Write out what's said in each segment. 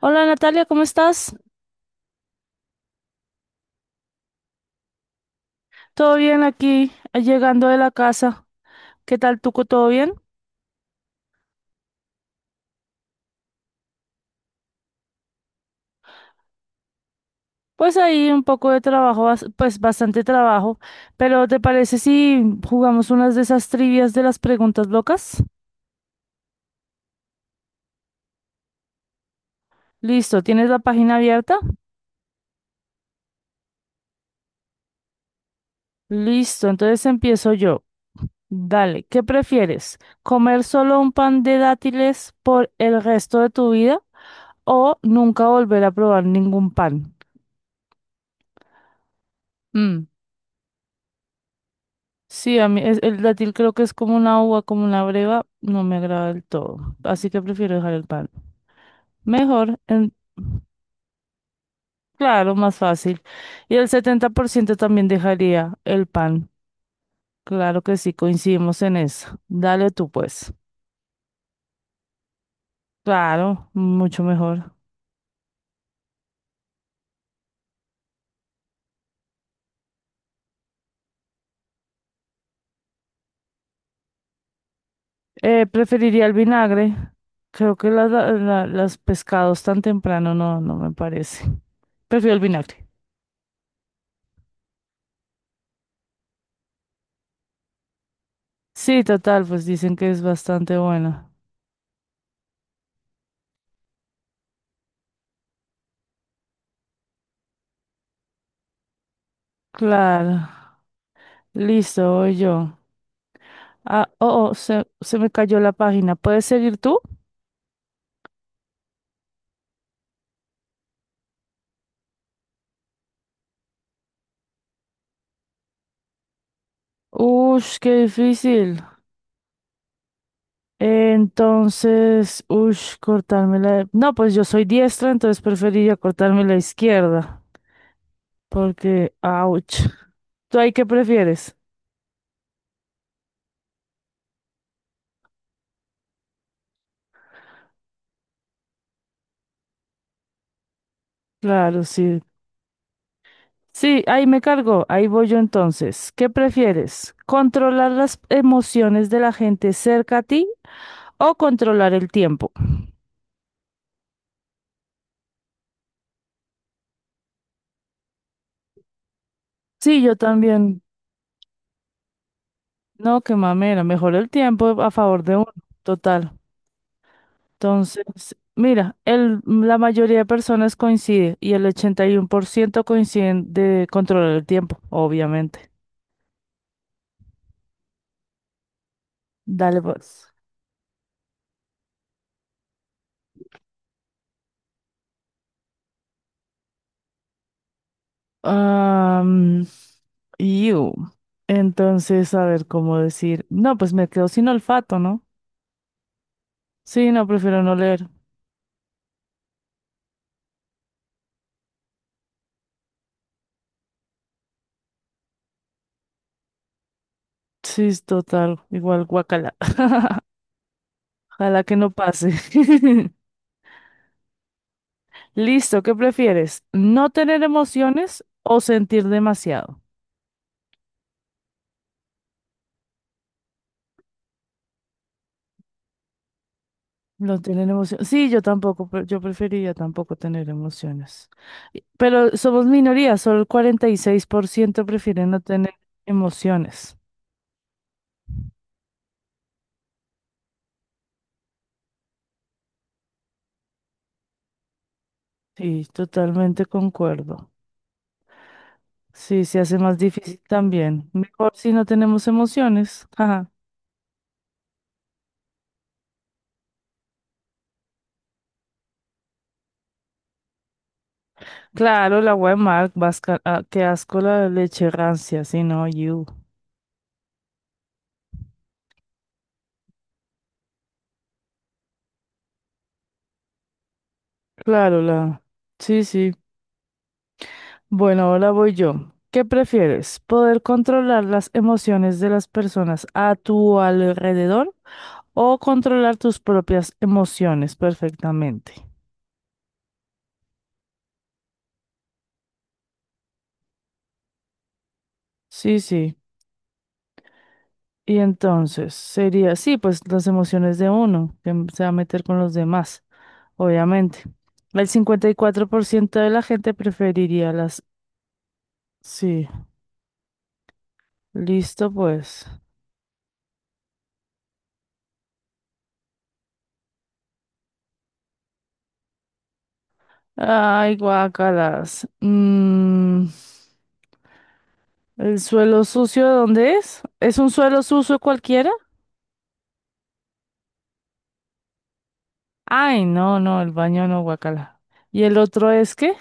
Hola Natalia, ¿cómo estás? ¿Todo bien aquí, llegando de la casa? ¿Qué tal tú? ¿Todo bien? Pues ahí un poco de trabajo, pues bastante trabajo, pero ¿te parece si jugamos unas de esas trivias de las preguntas locas? Listo, ¿tienes la página abierta? Listo, entonces empiezo yo. Dale, ¿qué prefieres? ¿Comer solo un pan de dátiles por el resto de tu vida o nunca volver a probar ningún pan? Sí, a mí el dátil creo que es como una uva, como una breva, no me agrada del todo, así que prefiero dejar el pan. Mejor, claro, más fácil. Y el 70% también dejaría el pan. Claro que sí, coincidimos en eso. Dale tú, pues. Claro, mucho mejor. Preferiría el vinagre. Creo que las pescados tan temprano no me parece. Prefiero el vinagre. Sí, total, pues dicen que es bastante bueno. Claro. Listo, voy yo. Ah, oh, oh, se me cayó la página. ¿Puedes seguir tú? Ush, qué difícil. Entonces, ush, cortarme la... No, pues yo soy diestra, entonces preferiría cortarme la izquierda. Porque, ouch. ¿Tú ahí qué prefieres? Claro, sí. Sí, ahí me cargo. Ahí voy yo entonces. ¿Qué prefieres? ¿Controlar las emociones de la gente cerca a ti o controlar el tiempo? Sí, yo también. No, qué mamera, mejor el tiempo a favor de uno, total. Entonces, mira, la mayoría de personas coincide y el 81% coinciden de controlar el tiempo, obviamente. Dale, pues. Am, iu. Entonces, a ver cómo decir. No, pues me quedo sin olfato, ¿no? Sí, no, prefiero no leer. Sí, es total, igual guacala. Ojalá que no pase. Listo, ¿qué prefieres? ¿No tener emociones o sentir demasiado? No tener emociones. Sí, yo tampoco, yo preferiría tampoco tener emociones. Pero somos minoría, solo el 46% prefiere no tener emociones. Sí, totalmente concuerdo. Sí, se hace más difícil también. Mejor si no tenemos emociones. Ajá. Claro, la Weimar, ah, qué asco la leche rancia, sí, no, you. Claro, la. Sí, sí. Bueno, ahora voy yo. ¿Qué prefieres? ¿Poder controlar las emociones de las personas a tu alrededor o controlar tus propias emociones perfectamente? Sí, sí. Y entonces sería, sí, pues las emociones de uno, que se va a meter con los demás, obviamente. El 54% de la gente preferiría las... Sí, listo pues. Ay, guácalas. Mm. ¿El suelo sucio dónde es? ¿Es un suelo sucio cualquiera? Ay, el baño no, guacala. ¿Y el otro es qué?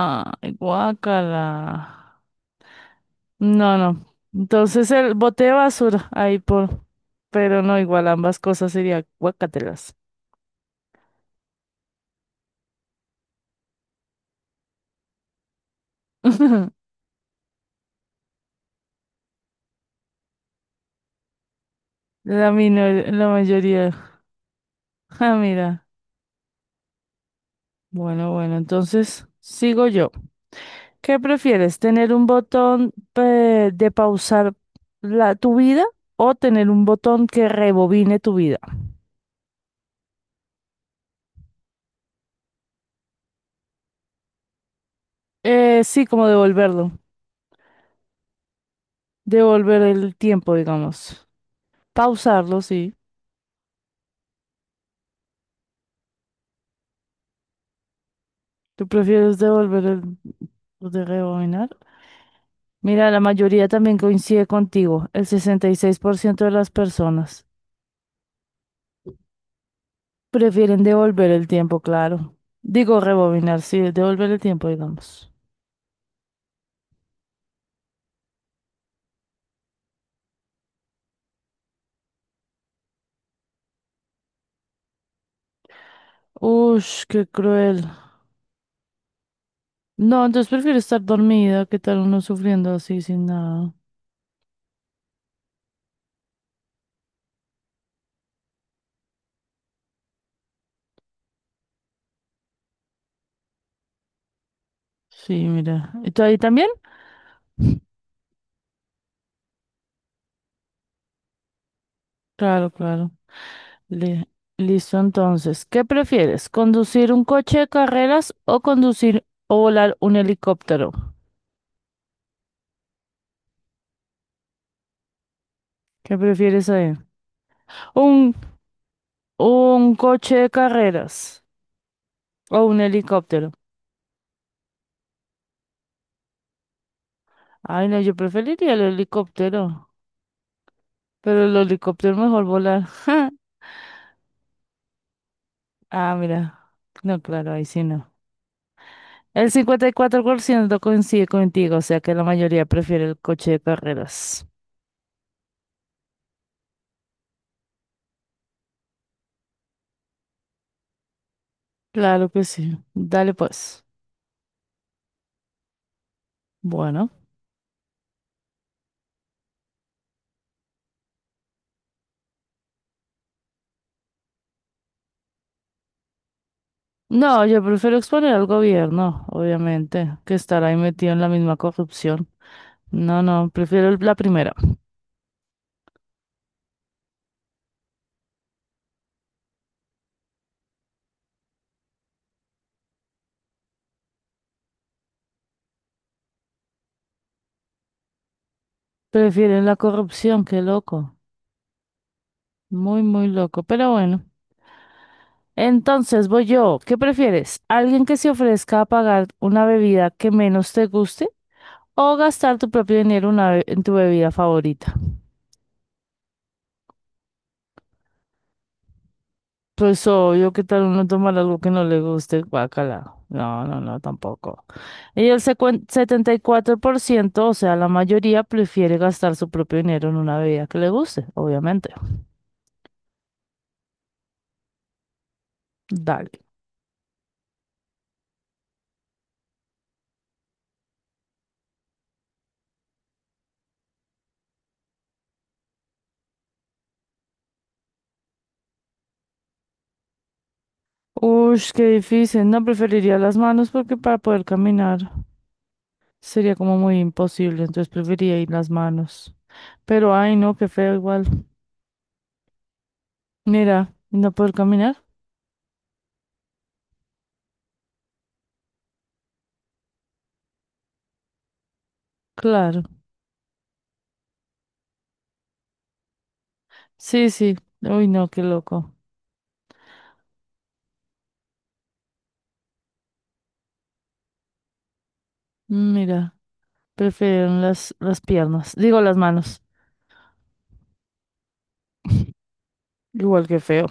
Ay, guacala. No, no. Entonces el bote de basura, ahí por. Pero no, igual ambas cosas serían guacatelas. La mayoría. Ah, mira. Bueno, bueno, entonces sigo yo. ¿Qué prefieres? ¿Tener un botón de pausar tu vida o tener un botón que rebobine tu vida? Sí, como devolverlo. Devolver el tiempo, digamos. Pausarlo, sí. ¿Tú prefieres devolver el lo de rebobinar? Mira, la mayoría también coincide contigo. El 66% de las personas prefieren devolver el tiempo, claro. Digo rebobinar, sí, devolver el tiempo, digamos. Ush, qué cruel. No, entonces prefiero estar dormida que estar uno sufriendo así sin nada. Sí, mira. ¿Y tú ahí también? Claro, claro. Le- Listo, entonces. ¿Qué prefieres? ¿Conducir un coche de carreras o volar un helicóptero? ¿Qué prefieres ahí? Un, un coche de carreras o un helicóptero. Ay, no, yo preferiría el helicóptero. Pero el helicóptero mejor volar. Ah, mira. No, claro, ahí sí no. El 54% coincide contigo, o sea que la mayoría prefiere el coche de carreras. Claro que sí. Dale pues. Bueno. No, yo prefiero exponer al gobierno, obviamente, que estar ahí metido en la misma corrupción. No, no, prefiero la primera. Prefieren la corrupción, qué loco. Muy, muy loco, pero bueno. Entonces voy yo. ¿Qué prefieres? ¿Alguien que se ofrezca a pagar una bebida que menos te guste o gastar tu propio dinero en tu bebida favorita? Pues obvio, ¿qué tal uno tomar algo que no le guste? Guácala. No, no, no, tampoco. Y el 74%, o sea, la mayoría prefiere gastar su propio dinero en una bebida que le guste, obviamente. Dale. Uy, qué difícil. No preferiría las manos porque para poder caminar sería como muy imposible, entonces preferiría ir las manos. Pero ay, no, qué feo igual. Mira, ¿y no poder caminar. Claro. Sí, sí. Uy, no, qué loco. Mira. Prefirieron las piernas, digo las manos, igual que feo.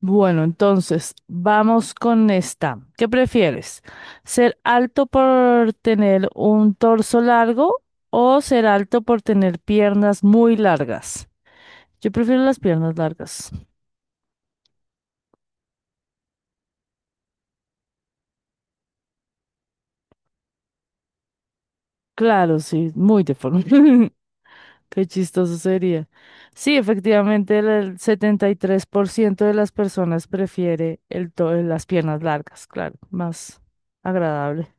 Bueno, entonces, vamos con esta. ¿Qué prefieres? ¿Ser alto por tener un torso largo o ser alto por tener piernas muy largas? Yo prefiero las piernas largas. Claro, sí, muy deforme. Qué chistoso sería. Sí, efectivamente, el 73% de las personas prefiere las piernas largas, claro, más agradable.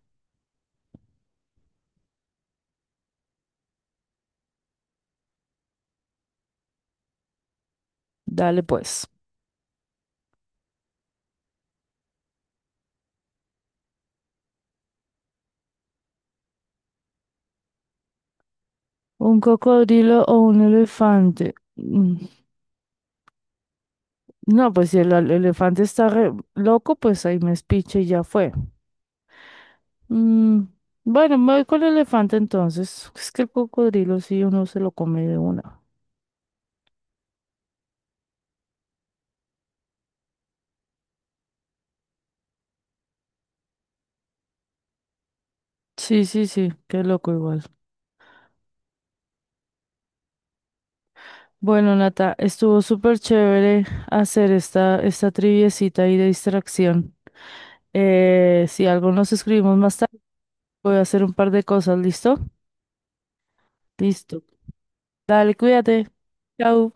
Dale pues. ¿Un cocodrilo o un elefante? Mm, no, pues si elefante está re loco, pues ahí me espiche y ya fue. Mm, bueno, me voy con el elefante entonces. Es que el cocodrilo sí uno se lo come de una. Sí, sí, sí, qué loco igual. Bueno, Nata, estuvo súper chévere hacer esta triviecita ahí de distracción. Si algo nos escribimos más tarde, voy a hacer un par de cosas, ¿listo? Listo. Dale, cuídate. Chao.